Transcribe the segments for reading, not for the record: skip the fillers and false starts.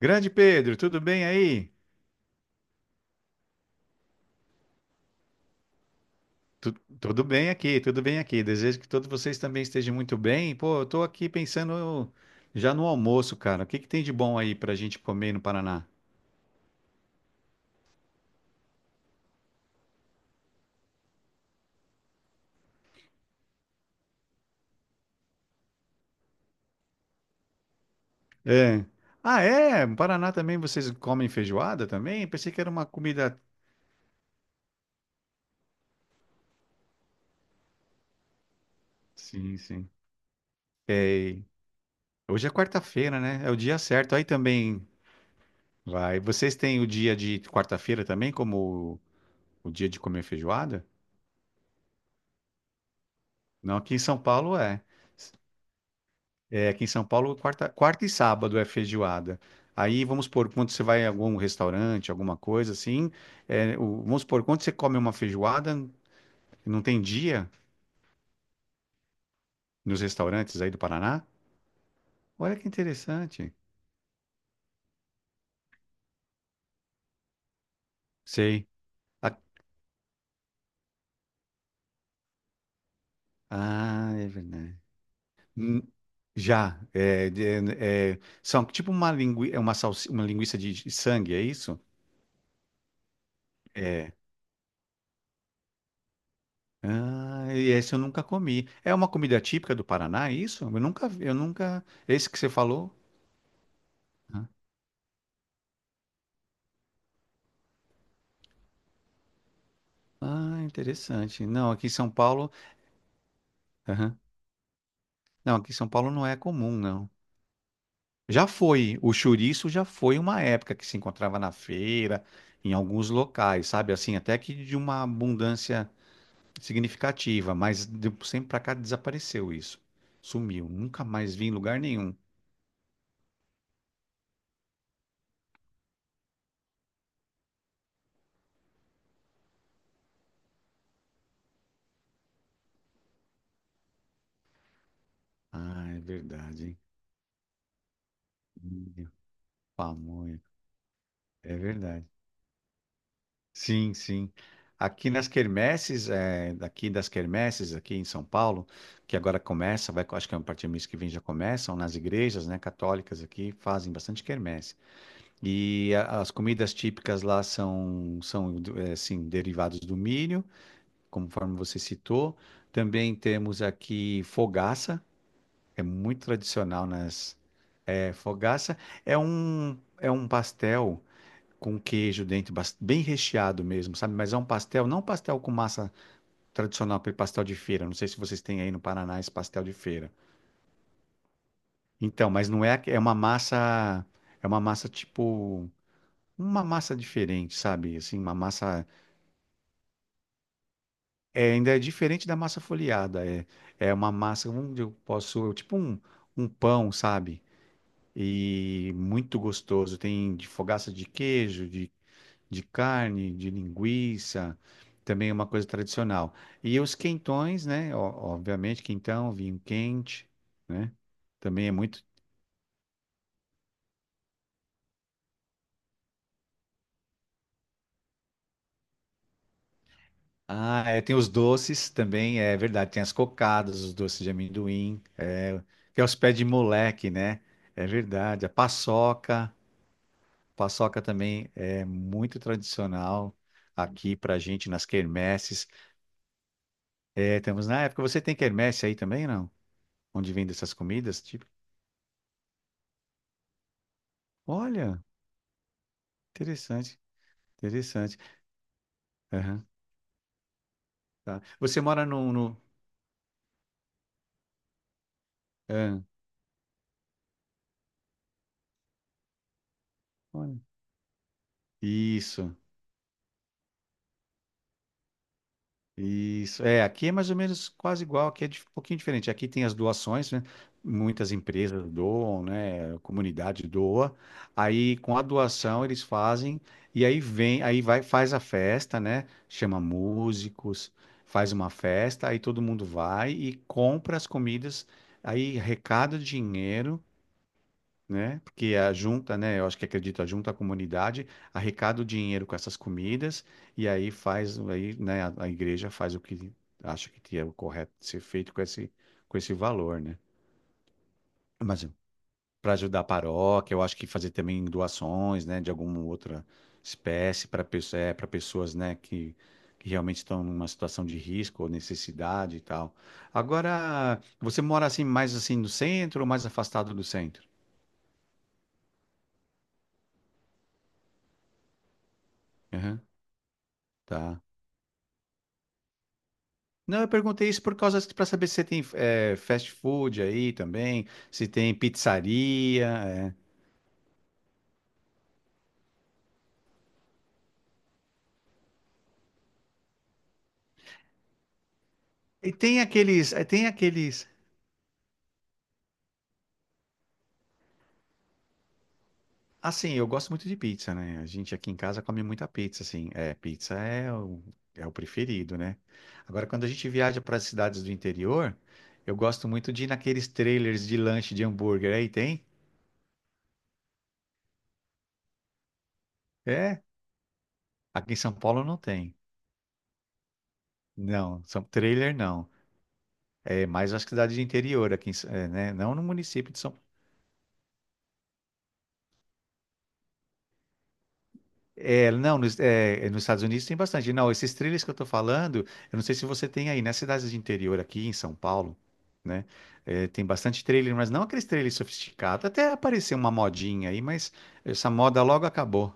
Grande Pedro, tudo bem aí? Tu- Tudo bem aqui, tudo bem aqui. Desejo que todos vocês também estejam muito bem. Pô, eu tô aqui pensando já no almoço, cara. O que que tem de bom aí pra gente comer no Paraná? É. Ah, é? No Paraná também vocês comem feijoada também? Pensei que era uma comida. Sim, sim. Hoje é quarta-feira, né? É o dia certo. Aí também vai. Vocês têm o dia de quarta-feira também como o dia de comer feijoada? Não, aqui em São Paulo é. É, aqui em São Paulo, quarta e sábado é feijoada. Aí, vamos supor, quando você vai em algum restaurante, alguma coisa assim, é, vamos supor, quando você come uma feijoada, não tem dia nos restaurantes aí do Paraná? Olha que interessante. Sei. A- Ah, é verdade. Hum. Já. É, são tipo uma, é uma, uma linguiça de sangue, é isso? É. Ah, e esse eu nunca comi. É uma comida típica do Paraná, é isso? Eu nunca. Esse que você falou? Ah, interessante. Não, aqui em São Paulo. Aham. Não, aqui em São Paulo não é comum, não. Já foi. O chouriço já foi uma época que se encontrava na feira, em alguns locais, sabe? Assim, até que de uma abundância significativa, mas de um sempre pra cá desapareceu isso. Sumiu. Nunca mais vi em lugar nenhum. Ah, é verdade, hein? Hum. Pamonha. É verdade. Sim, sim. Aqui nas quermesses, é, daqui das quermesses, aqui em São Paulo, que agora começa, vai, acho que é a partir do mês que vem já começam, nas igrejas, né, católicas aqui fazem bastante quermesse. As comidas típicas lá são, são é, assim, derivados do milho, conforme você citou. Também temos aqui fogaça, é muito tradicional nas, é, fogaça é um pastel com queijo dentro, bem recheado mesmo, sabe? Mas é um pastel, não um pastel com massa tradicional, aquele pastel de feira. Não sei se vocês têm aí no Paraná esse pastel de feira. Então, mas não é, é uma massa tipo, uma massa diferente, sabe? Assim, uma massa, é, ainda é diferente da massa folheada. É, é uma massa onde eu posso, tipo um, um pão, sabe? E muito gostoso. Tem de fogaça de queijo, de carne, de linguiça, também é uma coisa tradicional. E os quentões, né? Obviamente, quentão, vinho quente, né? Também é muito. Ah, é, tem os doces também, é verdade. Tem as cocadas, os doces de amendoim, é, que é os pés de moleque, né? É verdade. A paçoca, paçoca também é muito tradicional aqui pra gente nas quermesses. É, temos na época. Você tem quermesse aí também, não? Onde vende essas comidas? Tipo, olha. Interessante, interessante. Aham, tá. Você mora no ah, olha. Isso, isso. É, aqui é mais ou menos quase igual, aqui é um pouquinho diferente. Aqui tem as doações, né? Muitas empresas doam, né? A comunidade doa. Aí com a doação eles fazem e aí vem, aí vai faz a festa, né? Chama músicos, faz uma festa, aí todo mundo vai e compra as comidas, aí arrecada o dinheiro, né? Porque a junta, né? Eu acho que acredito, a junta a comunidade arrecada o dinheiro com essas comidas e aí faz, aí, né? A igreja faz o que acha que é o correto de ser feito com esse valor, né? Mas para ajudar a paróquia, eu acho que fazer também doações, né? De alguma outra espécie para pessoa, é, para pessoas, né? Que realmente estão numa situação de risco ou necessidade e tal. Agora, você mora assim mais assim no centro ou mais afastado do centro? Aham, tá. Não, eu perguntei isso por causa para saber se você tem fast food aí também, se tem pizzaria, é. E tem aqueles, tem aqueles. Assim, eu gosto muito de pizza, né? A gente aqui em casa come muita pizza, assim. É, pizza é o, é o preferido, né? Agora, quando a gente viaja para as cidades do interior, eu gosto muito de ir naqueles trailers de lanche de hambúrguer. Aí tem? É? Aqui em São Paulo não tem. Não, são trailer não. É mais as cidades de interior aqui, em né? Não no município de São É, não, nos, é, nos Estados Unidos tem bastante. Não, esses trilhos que eu estou falando, eu não sei se você tem aí, nas cidades de interior aqui em São Paulo, né? É, tem bastante trailer, mas não aqueles trailers sofisticados. Até apareceu uma modinha aí, mas essa moda logo acabou.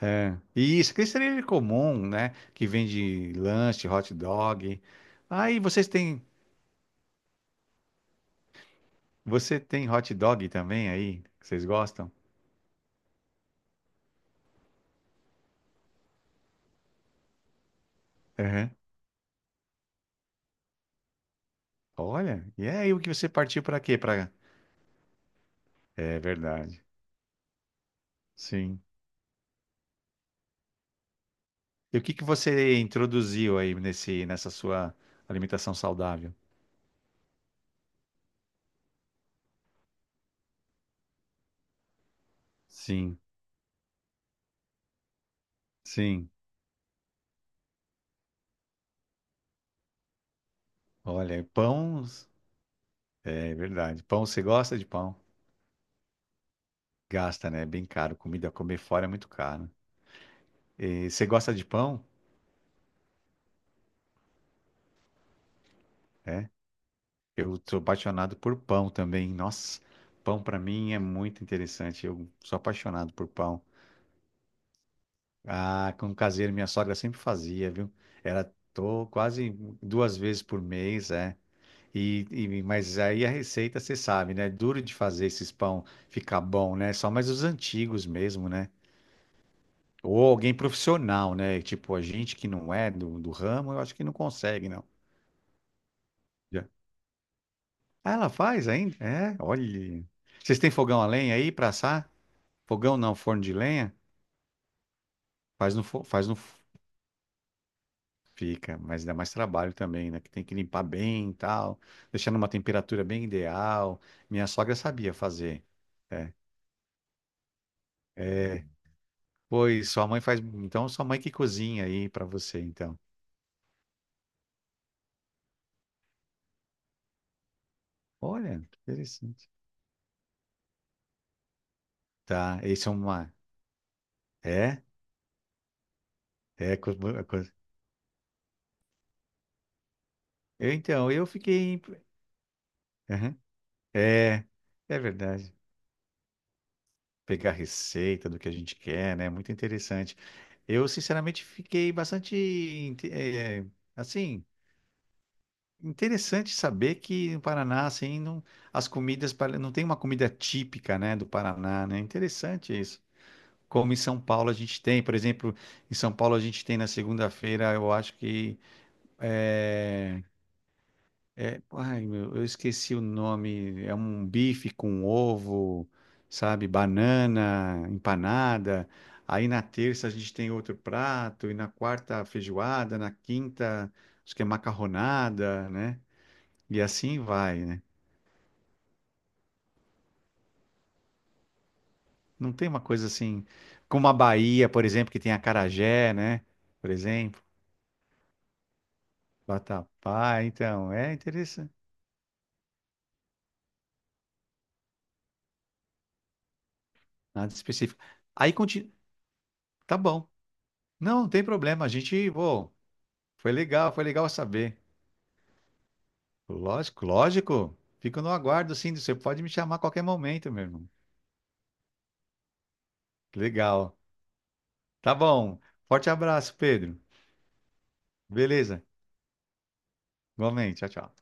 É. E isso, aquele trailer comum, né? Que vende lanche, hot dog. Aí vocês têm, você tem hot dog também aí? Que vocês gostam? Uhum. Olha, e é aí o que você partiu para quê? Para... É verdade. Sim. E o que que você introduziu aí nessa sua alimentação saudável? Sim, sim. Olha, pão, é verdade. Pão, você gosta de pão? Gasta, né? É bem caro. Comida, comer fora é muito caro. E você gosta de pão? É. Eu sou apaixonado por pão também. Nossa, pão pra mim é muito interessante. Eu sou apaixonado por pão. Ah, com caseiro, minha sogra sempre fazia, viu? Era tô quase duas vezes por mês, é. Mas aí a receita, você sabe, né? É duro de fazer esses pão ficar bom, né? Só mais os antigos mesmo, né? Ou alguém profissional, né? Tipo, a gente que não é do ramo, eu acho que não consegue, não. Já. Ah, ela faz ainda? É, olha. Vocês têm fogão a lenha aí pra assar? Fogão não, forno de lenha? Faz no, fo- faz no, f- fica, mas dá mais trabalho também, né? Que tem que limpar bem e tal, deixar numa temperatura bem ideal. Minha sogra sabia fazer. É. É. Pois sua mãe faz. Então, sua mãe que cozinha aí pra você, então. Olha, interessante. Tá, esse é uma. É? É. Co- Eu, então, eu fiquei. Aham. É, é verdade. Pegar receita do que a gente quer, né? Muito interessante. Eu, sinceramente, fiquei bastante, assim, interessante saber que no Paraná, assim, não, as comidas, não tem uma comida típica, né, do Paraná, né? Interessante isso. Como em São Paulo a gente tem. Por exemplo, em São Paulo a gente tem na segunda-feira, eu acho que é, ai, meu, eu esqueci o nome. É um bife com ovo, sabe? Banana, empanada. Aí na terça a gente tem outro prato, e na quarta feijoada, na quinta acho que é macarronada, né? E assim vai, né? Não tem uma coisa assim, como a Bahia, por exemplo, que tem acarajé, né? Por exemplo. Vatapá, então, é interessante. Nada específico. Aí continua. Tá bom. Não, não tem problema. A gente, pô, foi legal saber. Lógico, lógico. Fico no aguardo, sim. Você pode me chamar a qualquer momento, meu irmão. Legal. Tá bom. Forte abraço, Pedro. Beleza. Igualmente. Tchau, tchau.